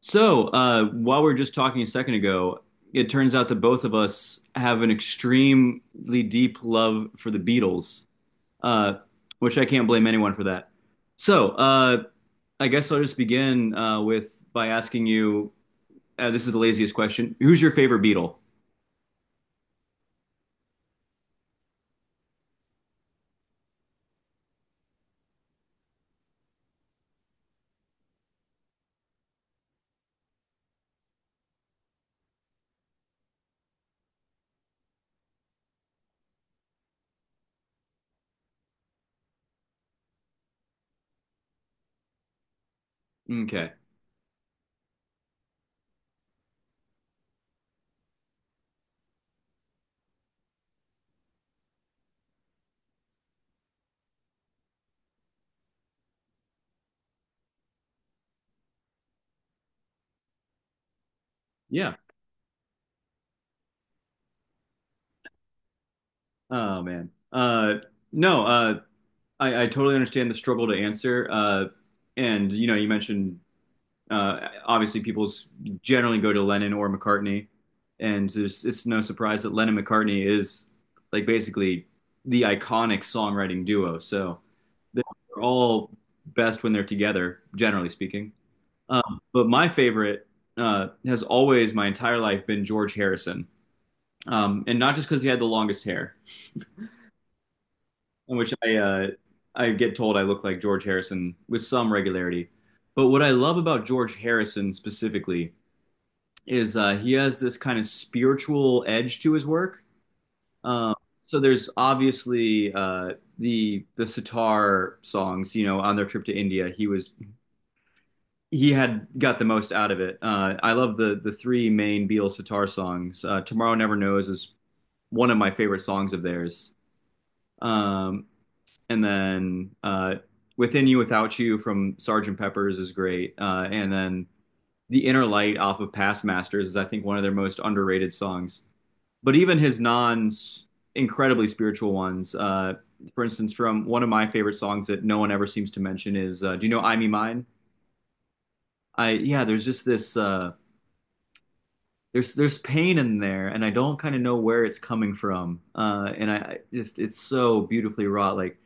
So, while we are just talking a second ago, it turns out that both of us have an extremely deep love for the Beatles, uh, which I can't blame anyone for that. So, I guess I'll just begin with by asking you, this is the laziest question. Who's your favorite Beatle? Okay. Yeah. Oh man. No. I totally understand the struggle to answer. And you know, you mentioned obviously, people generally go to Lennon or McCartney, and it's no surprise that Lennon McCartney is like basically the iconic songwriting duo. So they're all best when they're together, generally speaking. But my favorite has always, my entire life, been George Harrison, and not just because he had the longest hair, in which I get told I look like George Harrison with some regularity. But what I love about George Harrison specifically is he has this kind of spiritual edge to his work. Um, so there's obviously the sitar songs. You know, on their trip to India, he had got the most out of it. I love the three main Beatles sitar songs. Tomorrow Never Knows is one of my favorite songs of theirs. Um, and then Within You Without You from Sergeant Pepper's is great. And then The Inner Light off of Past Masters is, I think, one of their most underrated songs. But even his non incredibly spiritual ones, for instance, from one of my favorite songs that no one ever seems to mention is, do you know "I Me Mine"? I Yeah, there's just this there's pain in there, and I don't kind of know where it's coming from, and I just it's so beautifully wrought, like.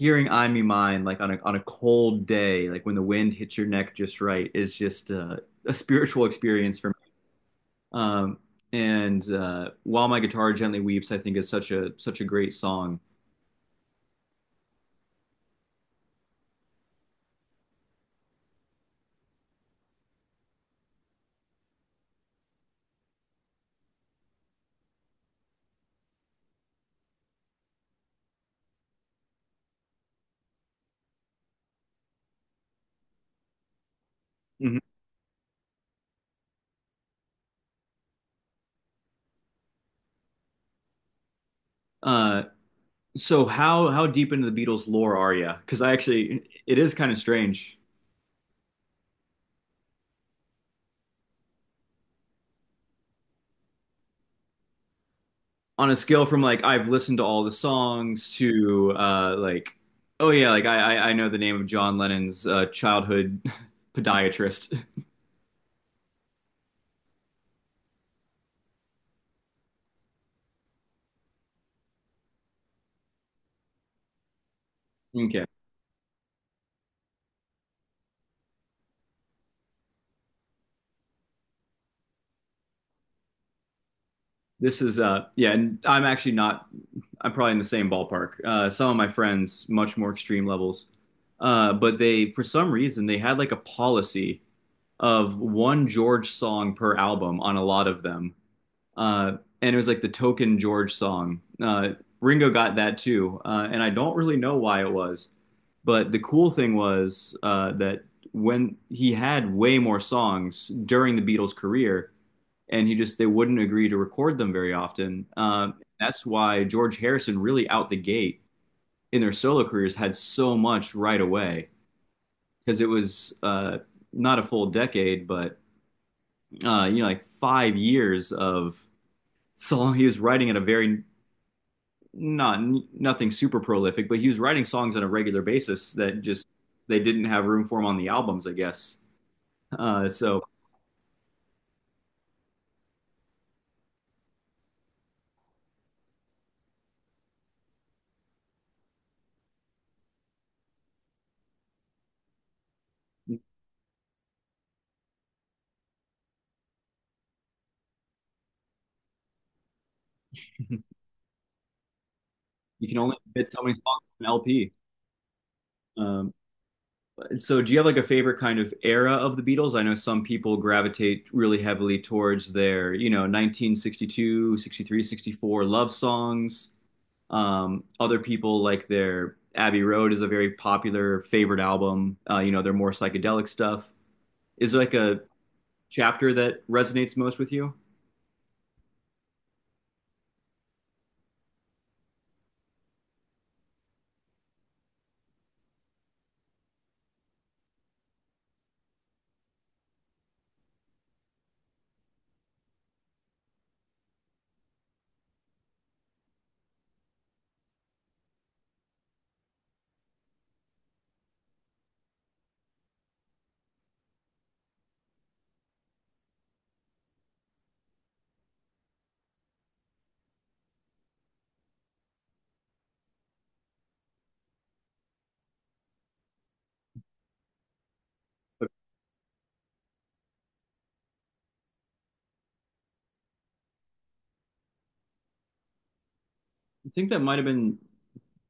Hearing "I Me Mine" like on a cold day, like when the wind hits your neck just right, is just a spiritual experience for me. Um, and "While My Guitar Gently Weeps," I think, is such a great song. Mhm. Uh, so how deep into the Beatles lore are you? Because I actually it is kind of strange. On a scale from like I've listened to all the songs to like oh yeah, like I know the name of John Lennon's childhood podiatrist. Okay. This is yeah, and I'm actually not, I'm probably in the same ballpark. Some of my friends much more extreme levels. But they for some reason they had like a policy of one George song per album on a lot of them. uh, and it was like the token George song. Ringo got that too, and I don't really know why it was. But the cool thing was that when he had way more songs during the Beatles' career, and he just they wouldn't agree to record them very often. That's why George Harrison really out the gate in their solo careers had so much right away because it was not a full decade, but you know like 5 years of song he was writing at a very not nothing super prolific, but he was writing songs on a regular basis that just they didn't have room for him on the albums, I guess. So you can only fit so many songs on an LP. Um, so do you have like a favorite kind of era of the Beatles? I know some people gravitate really heavily towards their, 1962, 63, 64 love songs. Other people like their Abbey Road is a very popular favorite album. Their more psychedelic stuff. Is there like a chapter that resonates most with you? I think that might have been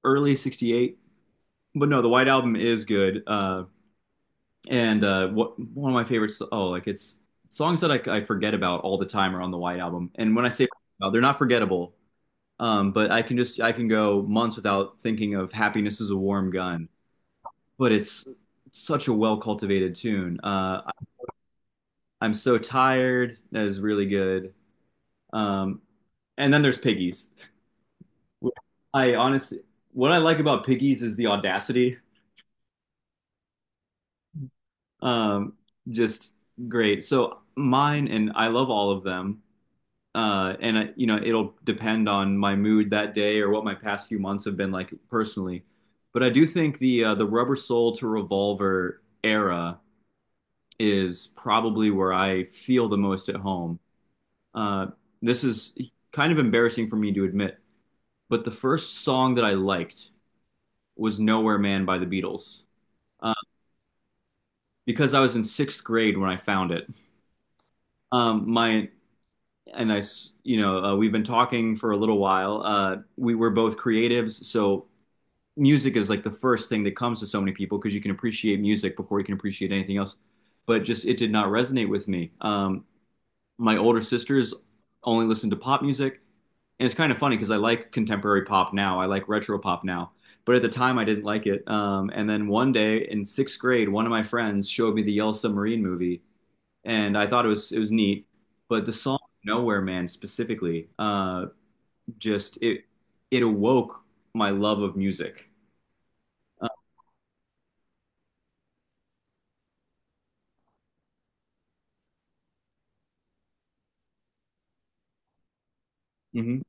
early '68, but no, the White Album is good. One of my favorites, oh, like it's songs that I forget about all the time are on the White Album. And when I say they're not forgettable, but I can go months without thinking of "Happiness Is a Warm Gun." But it's such a well cultivated tune. I'm so tired. That is really good. Um, and then there's Piggies. I honestly, what I like about Piggies is the audacity. Um, just great. So mine, and I love all of them. And it'll depend on my mood that day or what my past few months have been like personally. But I do think the Rubber Soul to Revolver era is probably where I feel the most at home. Uh, this is kind of embarrassing for me to admit, but the first song that I liked was Nowhere Man by the Beatles. Uh, because I was in sixth grade when I found it. My and I, we've been talking for a little while. We were both creatives, so music is like the first thing that comes to so many people because you can appreciate music before you can appreciate anything else. But just it did not resonate with me. My older sisters only listened to pop music, and it's kind of funny because I like contemporary pop now. I like retro pop now. But at the time, I didn't like it. And then one day in sixth grade, one of my friends showed me the Yellow Submarine movie, and I thought it was neat. But the song "Nowhere Man" specifically, just it awoke my love of music. Uh, hmm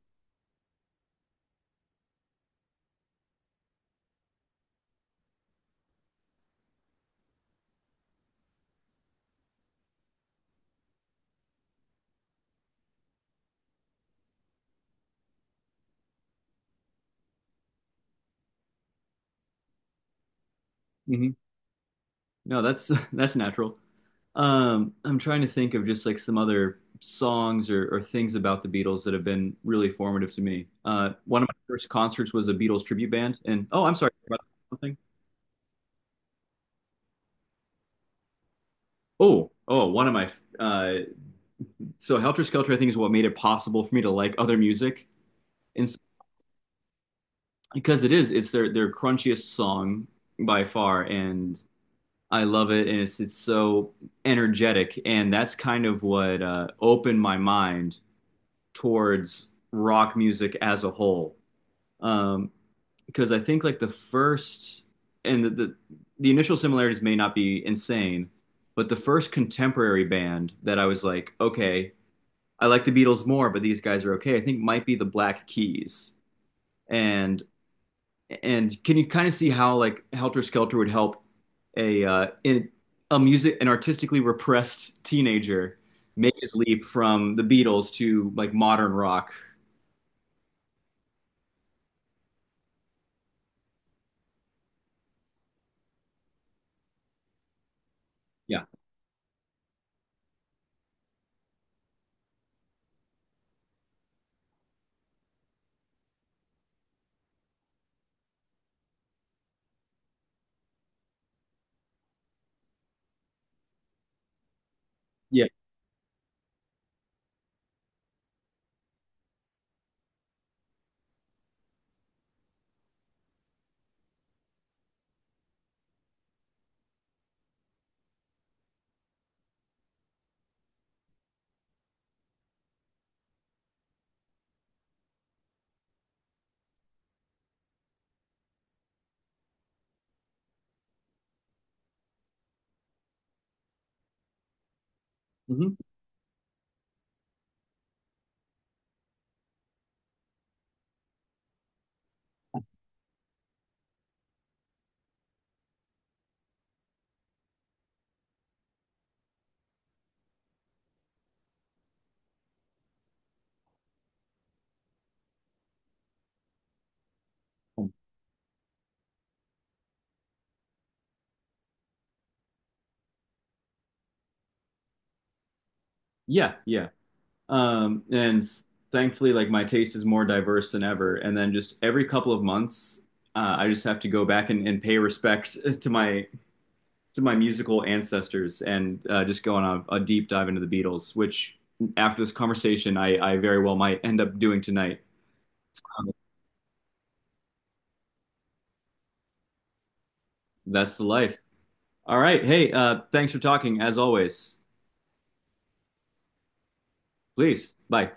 hmm No, that's that's natural. I'm trying to think of just like some other songs or things about the Beatles that have been really formative to me. One of my first concerts was a Beatles tribute band, and oh, I'm sorry about something. Oh, oh, one of my uh, so Helter Skelter, I think, is what made it possible for me to like other music. And because it's their crunchiest song by far, and I love it, and it's so energetic, and that's kind of what opened my mind towards rock music as a whole, um, because I think like the first and the initial similarities may not be insane, but the first contemporary band that I was like, okay, I like the Beatles more, but these guys are okay, I think, might be the Black Keys. And And can you kind of see how like Helter Skelter would help a in a music an artistically repressed teenager make his leap from the Beatles to like modern rock? Yeah, yeah, hmm, yeah, yeah. And thankfully, like my taste is more diverse than ever. And then just every couple of months, I just have to go back and pay respect to my to my musical ancestors, and just going on a deep dive into the Beatles, which after this conversation, I very well might end up doing tonight. So that's the life. All right. Hey, thanks for talking as always. Please, bye.